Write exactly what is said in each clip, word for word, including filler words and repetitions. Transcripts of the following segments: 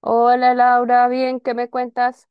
Hola Laura, bien, ¿qué me cuentas?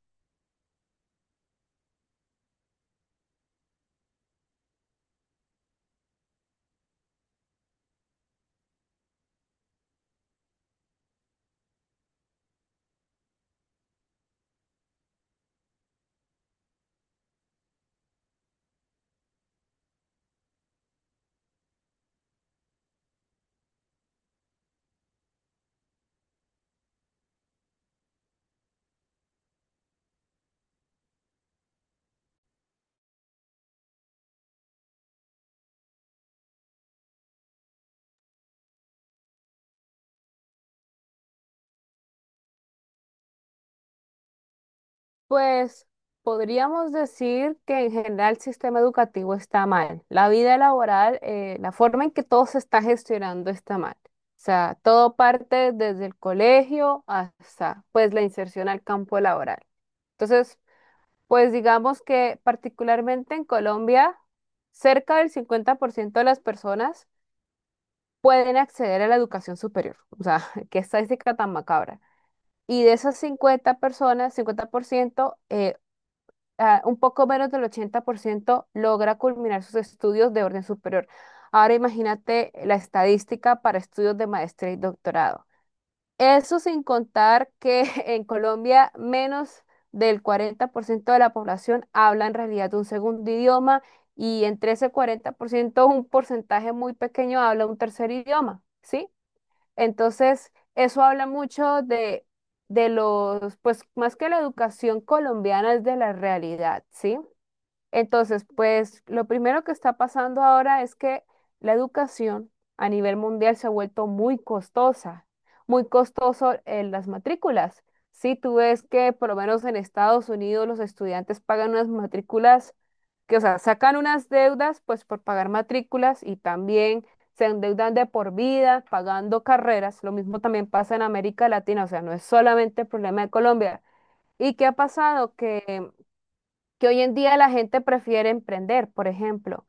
Pues podríamos decir que en general el sistema educativo está mal. La vida laboral, eh, la forma en que todo se está gestionando está mal. O sea, todo parte desde el colegio hasta pues la inserción al campo laboral. Entonces, pues digamos que particularmente en Colombia, cerca del cincuenta por ciento de las personas pueden acceder a la educación superior. O sea, qué estadística tan macabra. Y de esas cincuenta personas, cincuenta por ciento, eh, ah, un poco menos del ochenta por ciento logra culminar sus estudios de orden superior. Ahora imagínate la estadística para estudios de maestría y doctorado. Eso sin contar que en Colombia menos del cuarenta por ciento de la población habla en realidad un segundo idioma y entre ese cuarenta por ciento un porcentaje muy pequeño habla un tercer idioma, ¿sí? Entonces, eso habla mucho de, de los, pues más que la educación colombiana es de la realidad, ¿sí? Entonces, pues lo primero que está pasando ahora es que la educación a nivel mundial se ha vuelto muy costosa, muy costoso en las matrículas. Si tú ves que por lo menos en Estados Unidos los estudiantes pagan unas matrículas que, o sea, sacan unas deudas pues por pagar matrículas y también se endeudan de por vida pagando carreras. Lo mismo también pasa en América Latina, o sea, no es solamente el problema de Colombia. ¿Y qué ha pasado? Que que hoy en día la gente prefiere emprender, por ejemplo,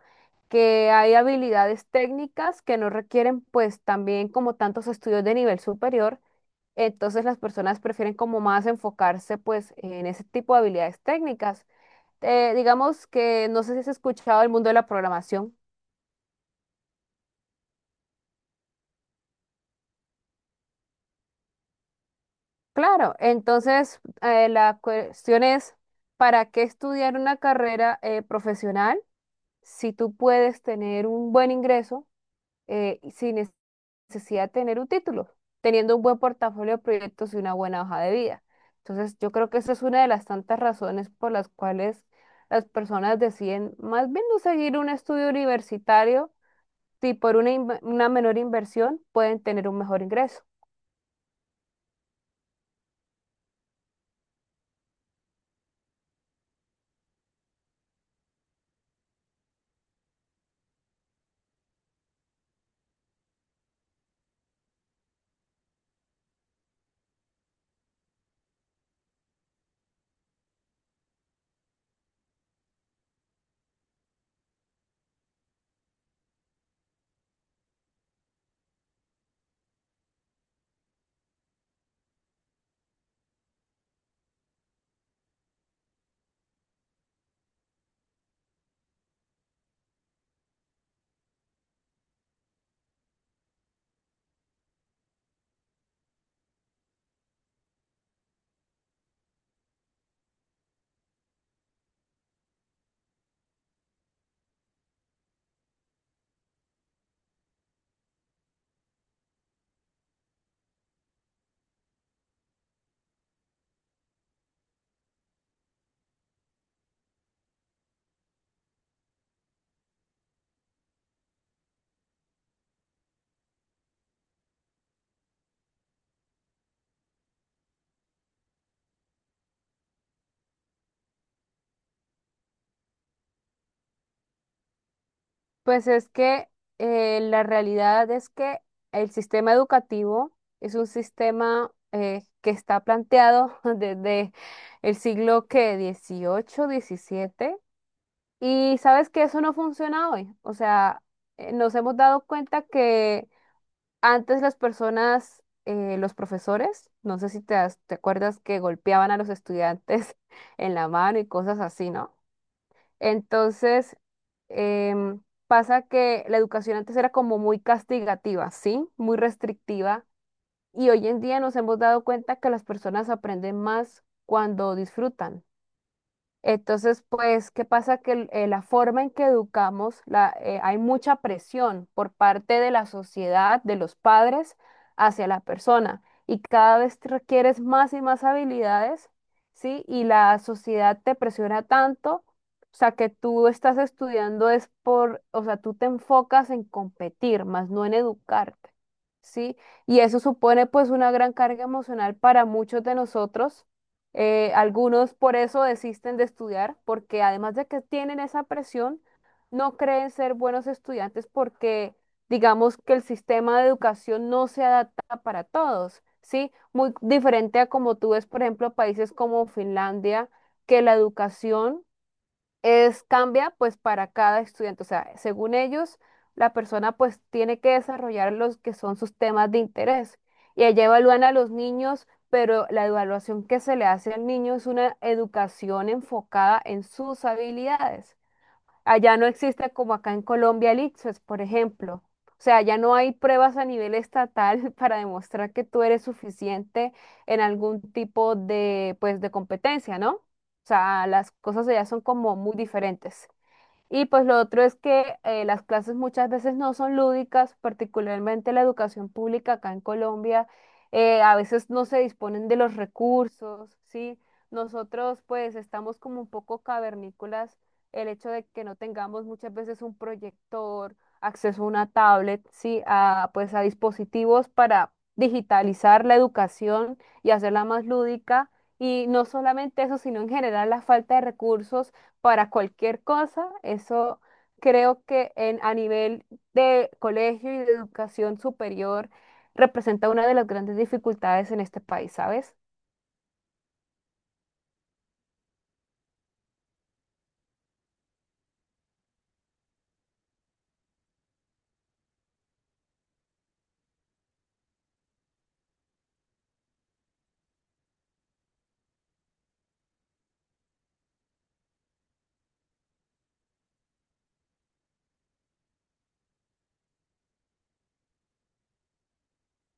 que hay habilidades técnicas que no requieren pues también como tantos estudios de nivel superior, entonces las personas prefieren como más enfocarse pues en ese tipo de habilidades técnicas. Eh, digamos que no sé si has escuchado el mundo de la programación. Claro, entonces eh, la cuestión es, ¿para qué estudiar una carrera eh, profesional si tú puedes tener un buen ingreso? Eh, sin nes- necesidad de tener un título, teniendo un buen portafolio de proyectos y una buena hoja de vida. Entonces, yo creo que esa es una de las tantas razones por las cuales las personas deciden más bien no seguir un estudio universitario, si por una, inve- una menor inversión pueden tener un mejor ingreso. Pues es que eh, la realidad es que el sistema educativo es un sistema eh, que está planteado desde el siglo que dieciocho, diecisiete. Y sabes que eso no funciona hoy. O sea, eh, nos hemos dado cuenta que antes las personas, eh, los profesores, no sé si te, das- te acuerdas que golpeaban a los estudiantes en la mano y cosas así, ¿no? Entonces, em, pasa que la educación antes era como muy castigativa, ¿sí? Muy restrictiva. Y hoy en día nos hemos dado cuenta que las personas aprenden más cuando disfrutan. Entonces, pues, ¿qué pasa? Que el- eh, la forma en que educamos, la, eh, hay mucha presión por parte de la sociedad, de los padres, hacia la persona. Y cada vez te requieres más y más habilidades, ¿sí? Y la sociedad te presiona tanto, o sea, que tú estás estudiando es por, o sea, tú te enfocas en competir, más no en educarte, ¿sí? Y eso supone pues una gran carga emocional para muchos de nosotros eh, algunos por eso desisten de estudiar, porque además de que tienen esa presión, no creen ser buenos estudiantes porque digamos que el sistema de educación no se adapta para todos, ¿sí? Muy diferente a como tú ves, por ejemplo, países como Finlandia, que la educación es cambia pues para cada estudiante. O sea, según ellos, la persona pues tiene que desarrollar los que son sus temas de interés. Y allá evalúan a los niños, pero la evaluación que se le hace al niño es una educación enfocada en sus habilidades. Allá no existe como acá en Colombia el ICFES, por ejemplo. O sea, ya no hay pruebas a nivel estatal para demostrar que tú eres suficiente en algún tipo de, pues, de competencia, ¿no? O sea, las cosas allá son como muy diferentes. Y pues lo otro es que eh, las clases muchas veces no son lúdicas, particularmente la educación pública acá en Colombia, eh, a veces no se disponen de los recursos, ¿sí? Nosotros pues estamos como un poco cavernícolas, el hecho de que no tengamos muchas veces un proyector, acceso a una tablet, ¿sí? A, pues a dispositivos para digitalizar la educación y hacerla más lúdica. Y no solamente eso, sino en general la falta de recursos para cualquier cosa. Eso creo que en, a nivel de colegio y de educación superior representa una de las grandes dificultades en este país, ¿sabes?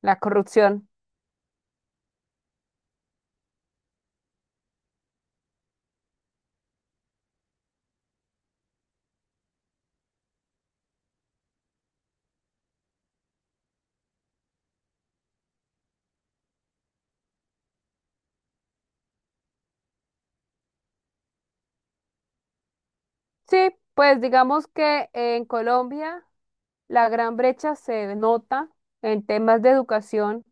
La corrupción. Sí, pues digamos que en Colombia la gran brecha se nota en temas de educación,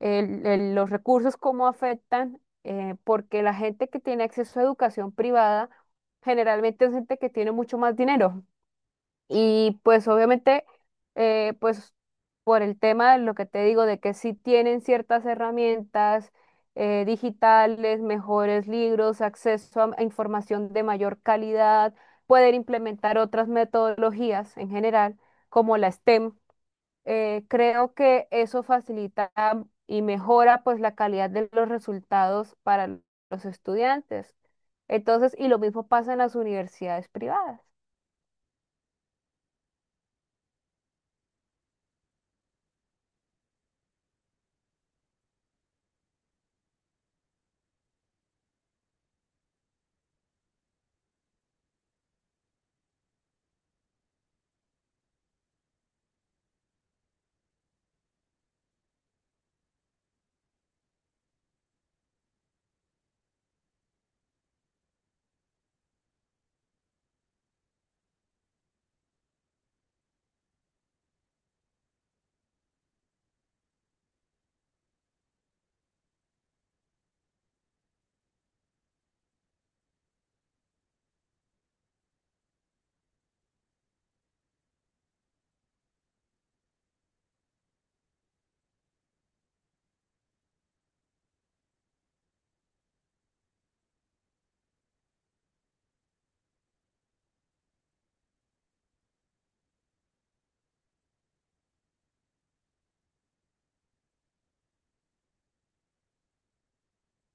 el- el- los recursos cómo afectan, eh, porque la gente que tiene acceso a educación privada generalmente es gente que tiene mucho más dinero. Y pues obviamente, eh, pues por el tema de lo que te digo, de que sí tienen ciertas herramientas eh, digitales, mejores libros, acceso a, a información de mayor calidad, pueden implementar otras metodologías en general, como la STEM. Eh, creo que eso facilita y mejora pues la calidad de los resultados para los estudiantes. Entonces, y lo mismo pasa en las universidades privadas.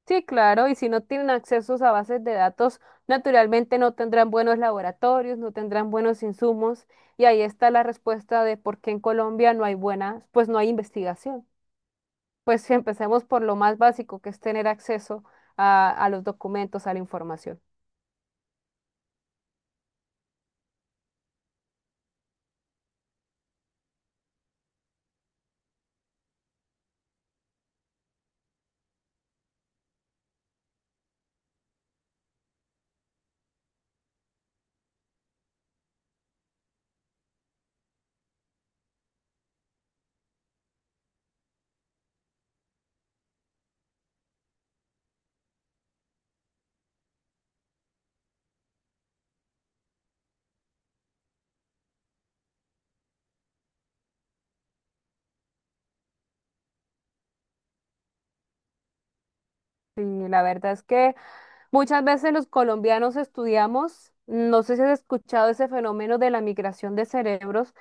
Sí, claro, y si no tienen accesos a bases de datos, naturalmente no tendrán buenos laboratorios, no tendrán buenos insumos, y ahí está la respuesta de por qué en Colombia no hay buenas, pues no hay investigación. Pues si empecemos por lo más básico, que es tener acceso a, a los documentos, a la información. Sí, la verdad es que muchas veces los colombianos estudiamos, no sé si has escuchado ese fenómeno de la migración de cerebros.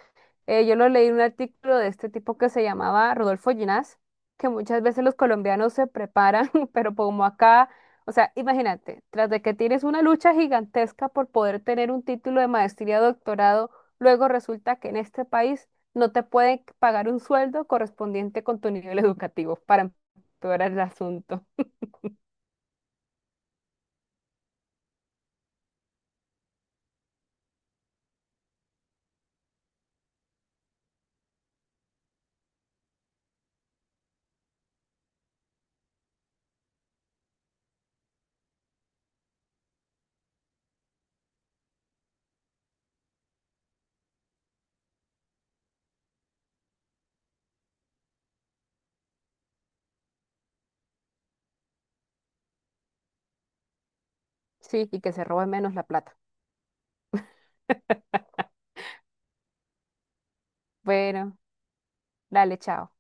Eh, yo lo leí en un artículo de este tipo que se llamaba Rodolfo Ginás, que muchas veces los colombianos se preparan, pero como acá, o sea, imagínate, tras de que tienes una lucha gigantesca por poder tener un título de maestría o doctorado, luego resulta que en este país no te pueden pagar un sueldo correspondiente con tu nivel educativo para empeorar el asunto. Sí, y que se robe menos la plata. Bueno, dale, chao.